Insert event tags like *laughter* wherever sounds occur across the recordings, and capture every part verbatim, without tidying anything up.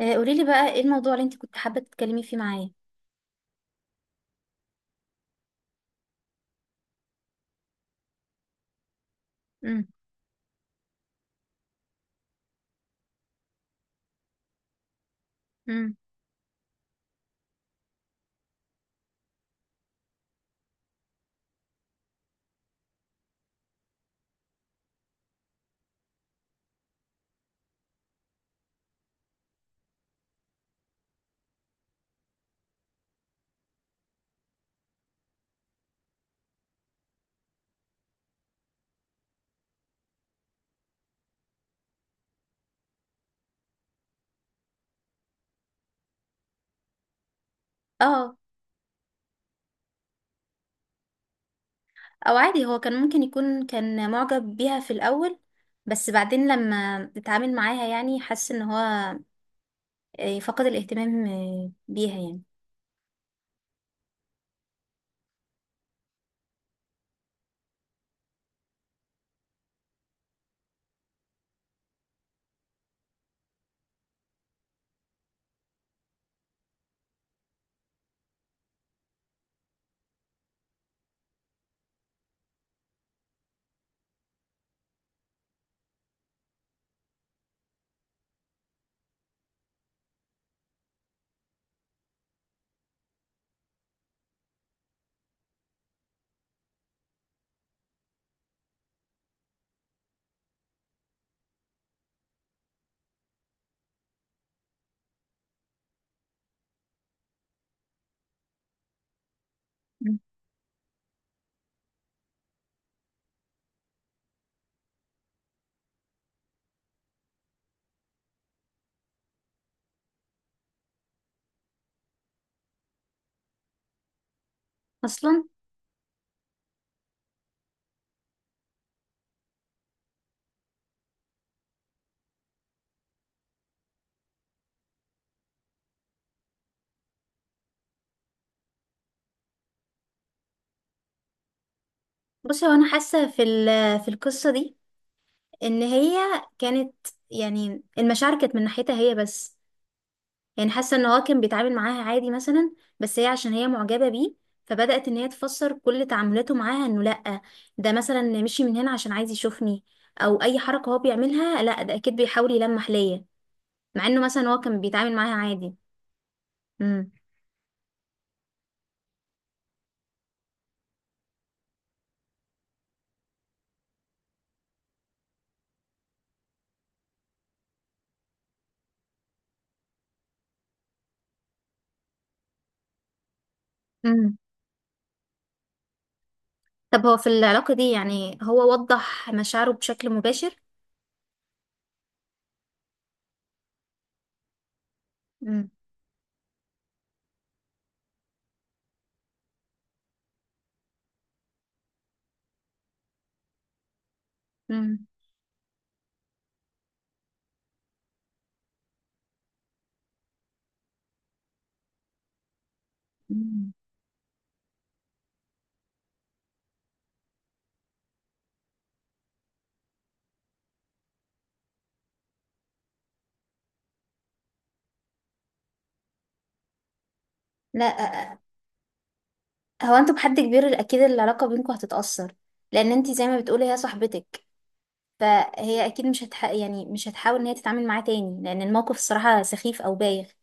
آه، قوليلي بقى ايه الموضوع اللي انت كنت حابة تتكلمي فيه معايا؟ امم. امم. اه. او عادي، هو كان ممكن يكون كان معجب بيها في الاول. بس بعدين لما اتعامل معاها يعني حس ان هو آه، فقد الاهتمام آه، بيها يعني. مم. اصلا. بصي، هو انا حاسة في ال- في القصة دي ان هي كانت، يعني المشاعر كانت من ناحيتها هي بس. يعني حاسه ان هو كان بيتعامل معاها عادي مثلا، بس هي عشان هي معجبه بيه فبدات ان هي تفسر كل تعاملاته معاها انه لا، ده مثلا مشي من هنا عشان عايز يشوفني، او اي حركه هو بيعملها لا ده اكيد بيحاول يلمح ليا. مع انه مثلا هو كان بيتعامل معاها عادي. امم. امم. طب هو في العلاقه دي يعني هو وضح مشاعره بشكل مباشر؟ امم. امم. مم. لا، هو انتوا بحد كبير اكيد العلاقه بينكم هتتاثر، لان انت زي ما بتقولي هي صاحبتك. فهي اكيد مش هتح... يعني مش هتحاول ان هي تتعامل معاه تاني لان الموقف الصراحة سخيف او بايخ.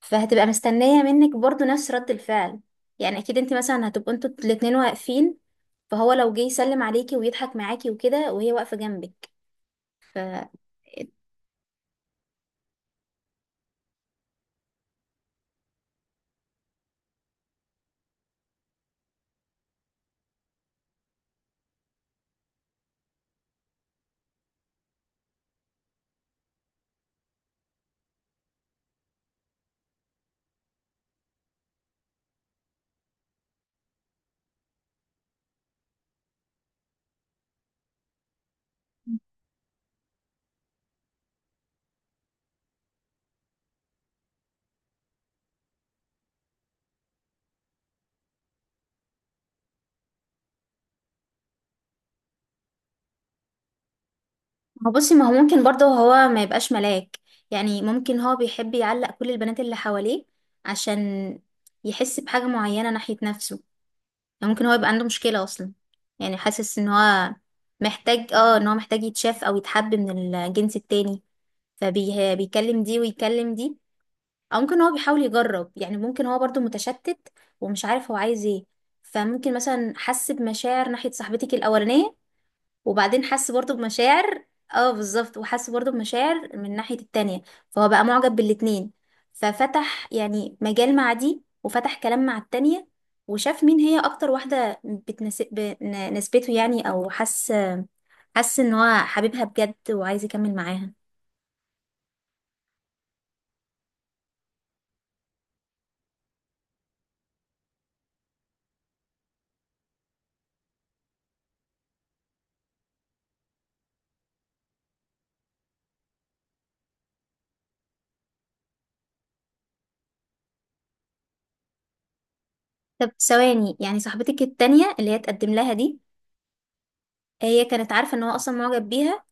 فهتبقى مستنية منك برضو نفس رد الفعل. يعني اكيد انت مثلا هتبقوا انتوا الاتنين واقفين، فهو لو جه يسلم عليكي ويضحك معاكي وكده وهي واقفة جنبك ف... ما بصي، ما هو ممكن برضه هو ما يبقاش ملاك. يعني ممكن هو بيحب يعلق كل البنات اللي حواليه عشان يحس بحاجة معينة ناحية نفسه. يعني ممكن هو يبقى عنده مشكلة أصلا. يعني حاسس إن هو محتاج اه إن هو محتاج يتشاف أو يتحب من الجنس التاني، فبيكلم دي ويكلم دي. أو ممكن هو بيحاول يجرب، يعني ممكن هو برضو متشتت ومش عارف هو عايز ايه. فممكن مثلا حس بمشاعر ناحية صاحبتك الأولانية، وبعدين حس برضو بمشاعر. اه، بالظبط. وحس برضو بمشاعر من الناحية التانية. فهو بقى معجب بالاتنين، ففتح يعني مجال مع دي وفتح كلام مع التانية، وشاف مين هي اكتر واحدة بتناسب نسبته، يعني او حس حس ان هو حبيبها بجد وعايز يكمل معاها. طب ثواني، يعني صاحبتك التانية اللي هي تقدم لها دي هي كانت عارفة ان هو اصلا معجب بيها؟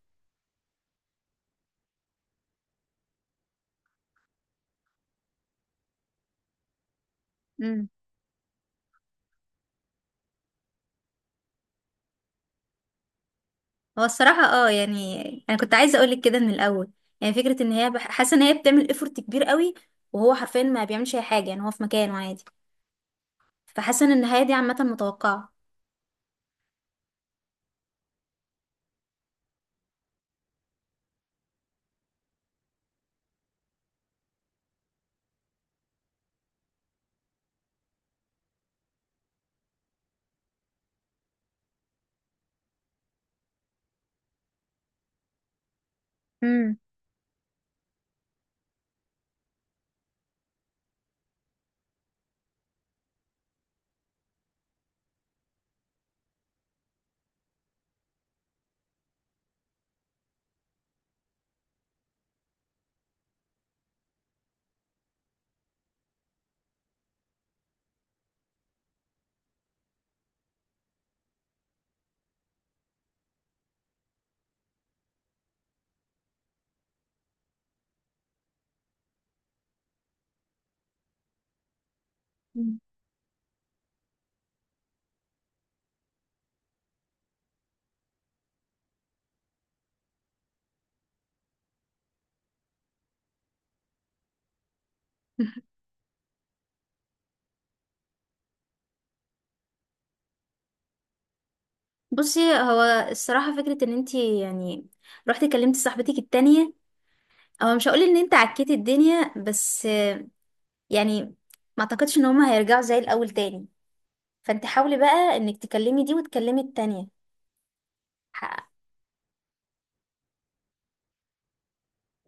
هو الصراحة اه يعني انا كنت عايزة اقولك كده من الاول. يعني فكرة ان هي بح- حاسة ان هي بتعمل افورت كبير قوي وهو حرفيا ما بيعملش اي حاجة، يعني هو في مكانه عادي. فحاسة ان النهاية دي عامة متوقعة. امم. مم. *laughs* بصي هو الصراحة فكرة ان انتي يعني رحتي كلمتي صاحبتك التانية، هو مش هقول ان انت عكيتي الدنيا بس، آه، يعني ما اعتقدش ان هما هيرجعوا زي الاول تاني. فانت حاولي بقى انك تكلمي دي وتكلمي التانية.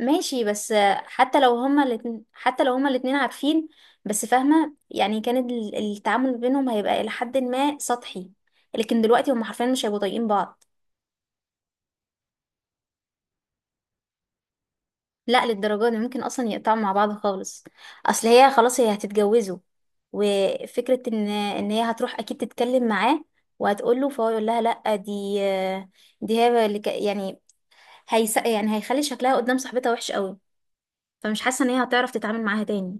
ماشي بس. حتى لو هما الاتنين حتى لو هما الاتنين عارفين، بس فاهمة يعني كان ال- التعامل بينهم هيبقى إلى حد ما سطحي، لكن دلوقتي هما حرفيا مش هيبقوا طايقين بعض. لا، للدرجة دي ممكن أصلا يقطعوا مع بعض خالص. أصل هي خلاص هي هتتجوزوا، وفكرة إن إن هي هتروح أكيد تتكلم معاه وهتقوله فهو يقول لها لأ، دي دي هي اللي ك- يعني هيس يعني هيخلي شكلها قدام صاحبتها وحش قوي. فمش حاسة إن هي هتعرف تتعامل معاها تاني.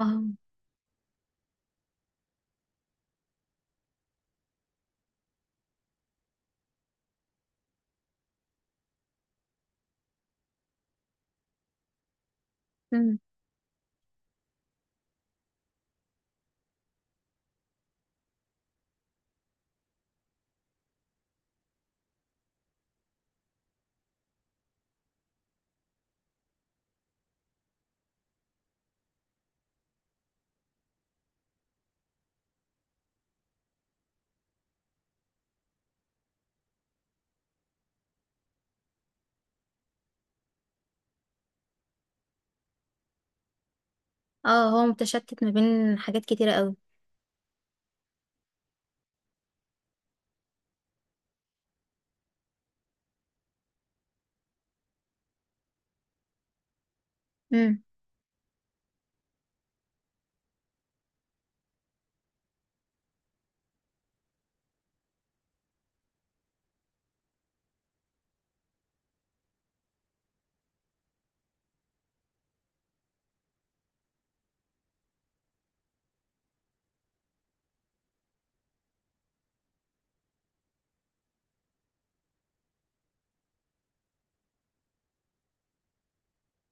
اه، اه، هو متشتت ما بين حاجات كتيرة قوي. امم.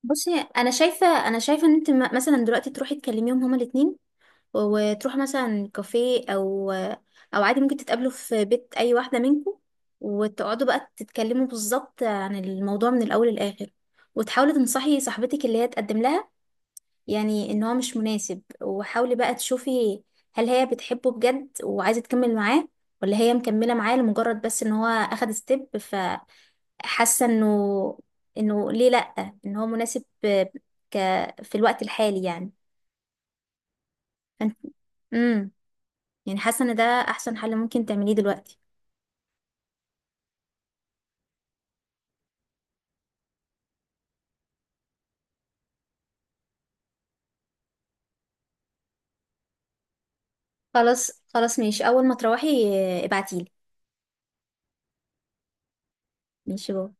بصي انا شايفة انا شايفة ان انت م- مثلا دلوقتي تروحي تكلميهم هما الاتنين، و- وتروحوا مثلا كافيه، او او عادي ممكن تتقابلوا في بيت اي واحدة منكم، وتقعدوا بقى تتكلموا بالظبط عن الموضوع من الاول للاخر. وتحاولي تنصحي صاحبتك اللي هي تقدم لها، يعني ان هو مش مناسب. وحاولي بقى تشوفي هل هي بتحبه بجد وعايزة تكمل معاه، ولا هي مكملة معاه لمجرد بس ان هو اخد ستيب، حاسه انه انه ليه لا، ان هو مناسب آه، ك في الوقت الحالي يعني. فانت امم يعني حاسه ان ده احسن حل ممكن تعمليه دلوقتي. خلاص خلاص، ماشي. اول ما تروحي آه، ابعتيلي. ماشي، باي.